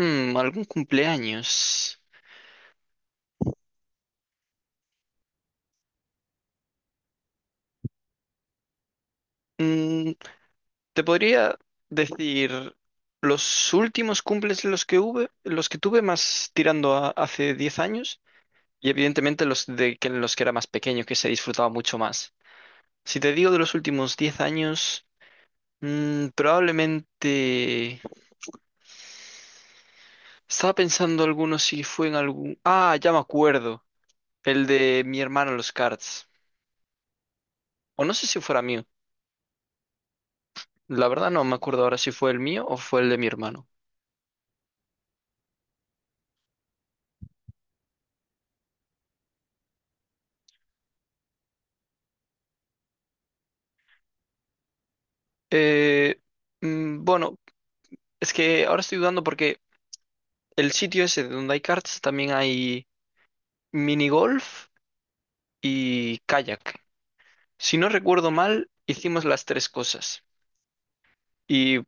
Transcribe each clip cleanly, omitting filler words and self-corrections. Mm, algún cumpleaños. Mm, te podría decir los últimos cumples los que tuve más tirando a hace 10 años y evidentemente los de que en los que era más pequeño que se disfrutaba mucho más. Si te digo de los últimos 10 años, probablemente estaba pensando algunos si fue en algún... Ah, ya me acuerdo, el de mi hermano en los karts. O no sé si fuera mío. La verdad no me acuerdo ahora si fue el mío o fue el de mi hermano. Eh, bueno, es que ahora estoy dudando porque el sitio ese donde hay karts también hay mini golf y kayak. Si no recuerdo mal, hicimos las tres cosas. Y,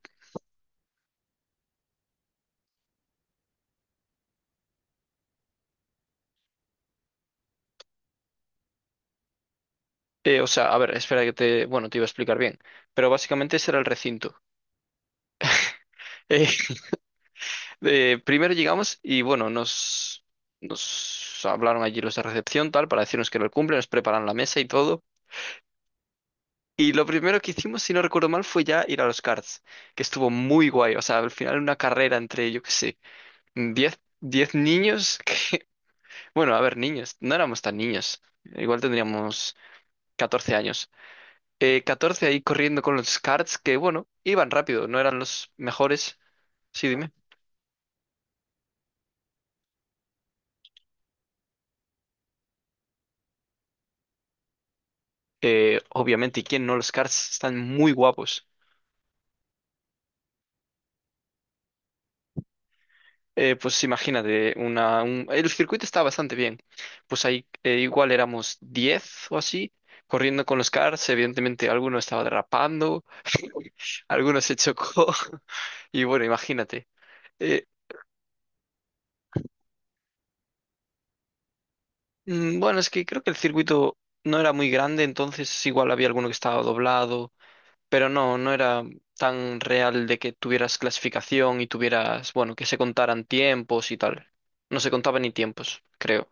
o sea, a ver, espera que te, bueno, te iba a explicar bien, pero básicamente ese era el recinto. Primero llegamos y, bueno, nos hablaron allí los de recepción, tal, para decirnos que era el cumple, nos preparan la mesa y todo. Y lo primero que hicimos, si no recuerdo mal, fue ya ir a los karts, que estuvo muy guay. O sea, al final una carrera entre, yo qué sé, diez niños que, bueno, a ver, niños, no éramos tan niños, igual tendríamos 14 años. 14 ahí corriendo con los karts que, bueno, iban rápido, no eran los mejores. Sí, dime. Obviamente, ¿y quién no? Los karts están muy guapos. Pues imagínate, el circuito está bastante bien. Pues ahí igual éramos 10 o así, corriendo con los cars. Evidentemente, alguno estaba derrapando, alguno se chocó. Y bueno, imagínate. Eh, bueno, es que creo que el circuito no era muy grande, entonces igual había alguno que estaba doblado, pero no, no era tan real de que tuvieras clasificación y tuvieras, bueno, que se contaran tiempos y tal. No se contaba ni tiempos, creo.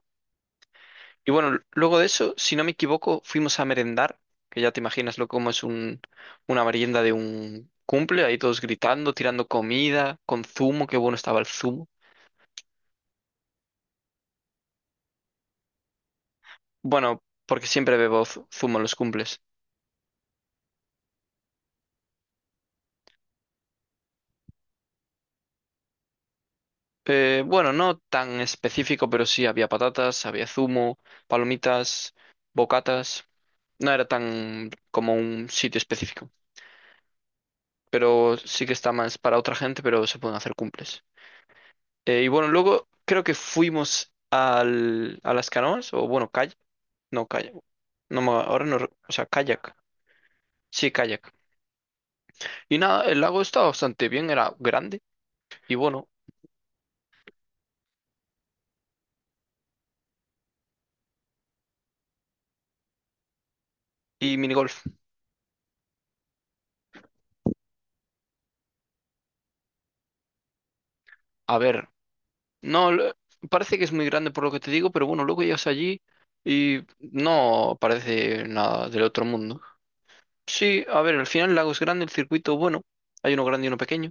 Y bueno, luego de eso, si no me equivoco, fuimos a merendar, que ya te imaginas lo como es una merienda de un cumple, ahí todos gritando, tirando comida, con zumo, qué bueno estaba el zumo. Bueno, porque siempre bebo zumo en los cumples. Bueno, no tan específico, pero sí había patatas, había zumo, palomitas, bocatas. No era tan como un sitio específico, pero sí que está más para otra gente, pero se pueden hacer cumples. Y bueno, luego creo que fuimos a las canoas, o bueno, kayak, no, ahora no, o sea, kayak, sí, kayak. Y nada, el lago estaba bastante bien, era grande, y bueno, y minigolf. A ver, no, parece que es muy grande por lo que te digo, pero bueno, luego llegas allí y no parece nada del otro mundo. Sí, a ver, al final el lago es grande, el circuito, bueno, hay uno grande y uno pequeño.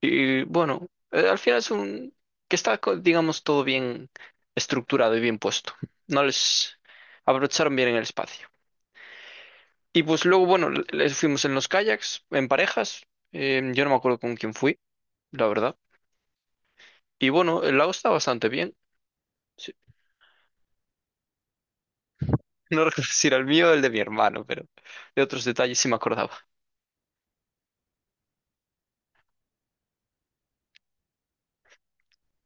Y bueno, al final es un que está, digamos, todo bien estructurado y bien puesto. No les abrocharon bien en el espacio. Y pues luego, bueno, les fuimos en los kayaks, en parejas. Yo no me acuerdo con quién fui, la verdad. Y bueno, el lago está bastante bien. Sí. No recuerdo si era el mío o el de mi hermano, pero de otros detalles sí me acordaba.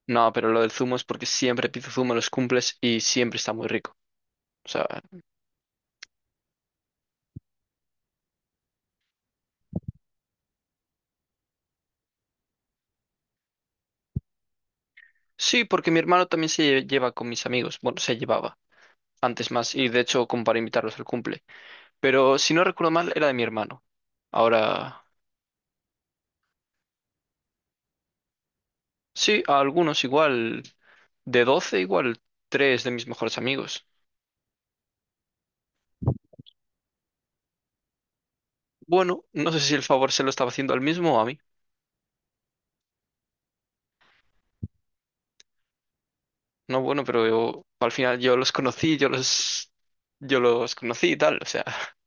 No, pero lo del zumo es porque siempre pido zumo en los cumples y siempre está muy rico. O sea, sí, porque mi hermano también lleva con mis amigos. Bueno, se llevaba. Antes más, y de hecho como para invitarlos al cumple. Pero si no recuerdo mal, era de mi hermano. Ahora, sí, a algunos igual, de 12 igual, tres de mis mejores amigos. Bueno, no sé si el favor se lo estaba haciendo al mismo o a mí. No, bueno, pero al final yo los conocí, yo los conocí y tal, o sea,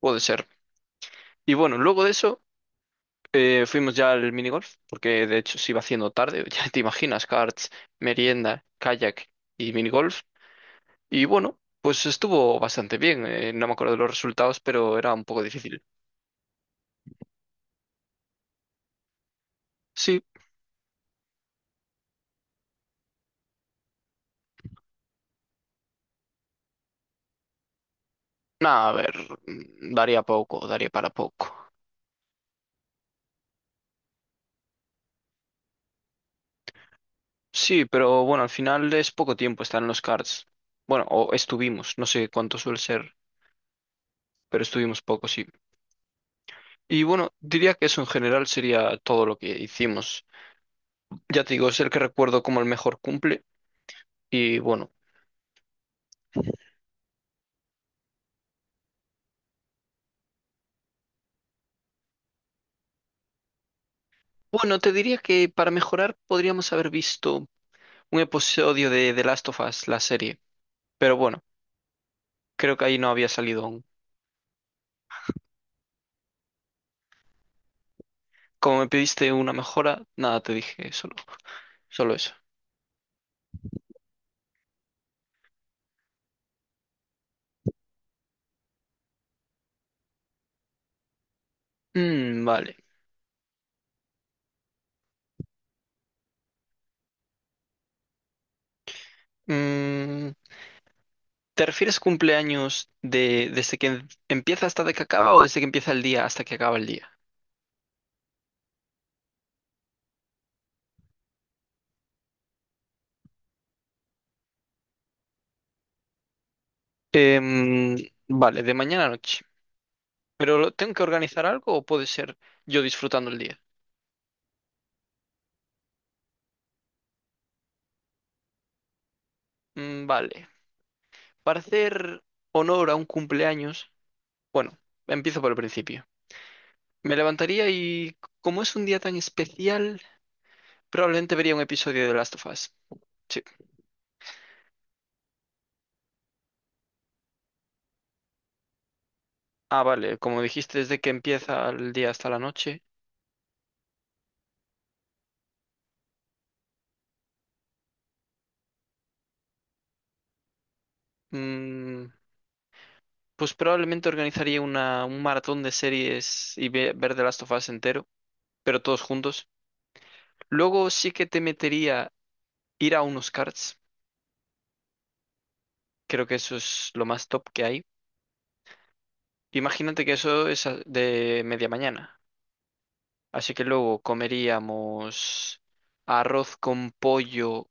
puede ser. Y bueno, luego de eso fuimos ya al minigolf, porque de hecho se iba haciendo tarde, ya te imaginas, karts, merienda, kayak y minigolf. Y bueno, pues estuvo bastante bien. No me acuerdo de los resultados, pero era un poco difícil. Sí, nada, a ver, daría poco, daría para poco. Sí, pero bueno, al final es poco tiempo estar en los cards. Bueno, o estuvimos, no sé cuánto suele ser, pero estuvimos poco, sí. Y bueno, diría que eso en general sería todo lo que hicimos. Ya te digo, es el que recuerdo como el mejor cumple. Y bueno, bueno, te diría que para mejorar podríamos haber visto un episodio de The Last of Us, la serie. Pero bueno. Creo que ahí no había salido aún. Como me pediste una mejora, nada, te dije solo, solo eso. Mm, vale. Mm, ¿te refieres cumpleaños desde que empieza hasta de que acaba o desde que empieza el día hasta que acaba el día? Em, vale, de mañana a noche. ¿Pero tengo que organizar algo o puede ser yo disfrutando el día? Mm, vale. Para hacer honor a un cumpleaños, bueno, empiezo por el principio. Me levantaría y como es un día tan especial... Probablemente vería un episodio de Last of Us. Sí. Ah, vale, como dijiste, desde que empieza el día hasta la noche. mm, pues probablemente organizaría un maratón de series y ver The Last of Us entero, pero todos juntos. Luego sí que te metería ir a unos carts. Creo que eso es lo más top que hay. Imagínate que eso es de media mañana. Así que luego comeríamos arroz con pollo,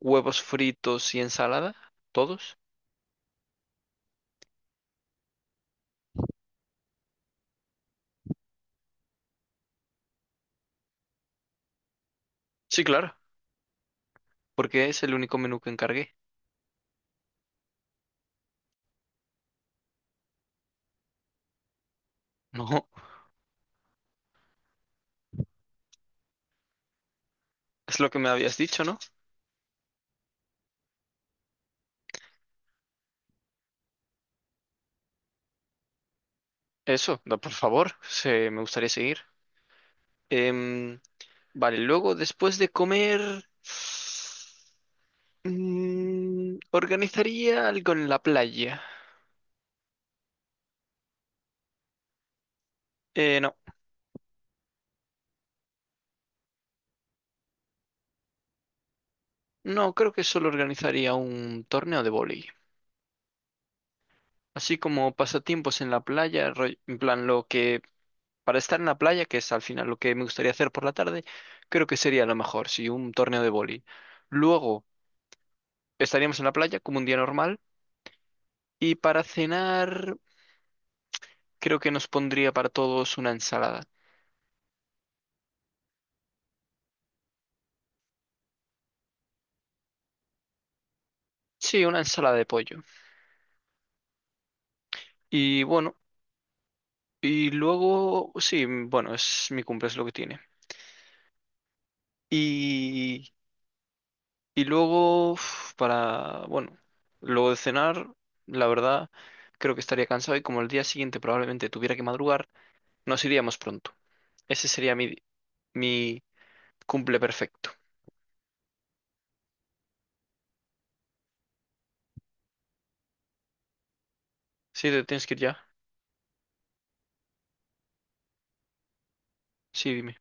huevos fritos y ensalada. ¿Todos? Sí, claro. Porque es el único menú que encargué. No, es lo que me habías dicho, ¿no? Eso, por favor, me gustaría seguir. Em, vale, luego después de comer, organizaría algo en la playa. No, no, creo que solo organizaría un torneo de vóley. Así como pasatiempos en la playa, en plan lo que, para estar en la playa, que es al final lo que me gustaría hacer por la tarde, creo que sería lo mejor, sí, un torneo de vóley. Luego... Estaríamos en la playa como un día normal y para cenar creo que nos pondría para todos una ensalada. Sí, una ensalada de pollo. Y bueno, y luego, sí, bueno, es mi cumple, es lo que tiene. Y, y luego, uf, bueno, luego de cenar, la verdad, creo que estaría cansado y como el día siguiente probablemente tuviera que madrugar, nos iríamos pronto. Ese sería mi cumple perfecto. Sí, te tienes que ir ya. Sí, dime.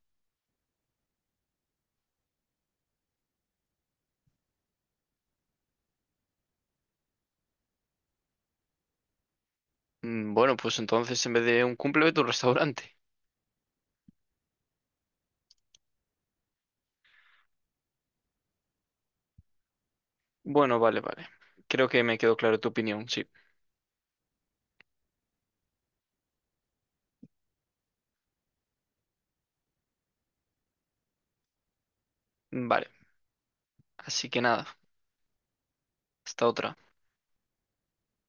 Bueno pues entonces en vez de un cumple, vete a un restaurante. Bueno, vale, vale. Creo que me quedó claro tu opinión, sí. Vale, así que nada, hasta otra.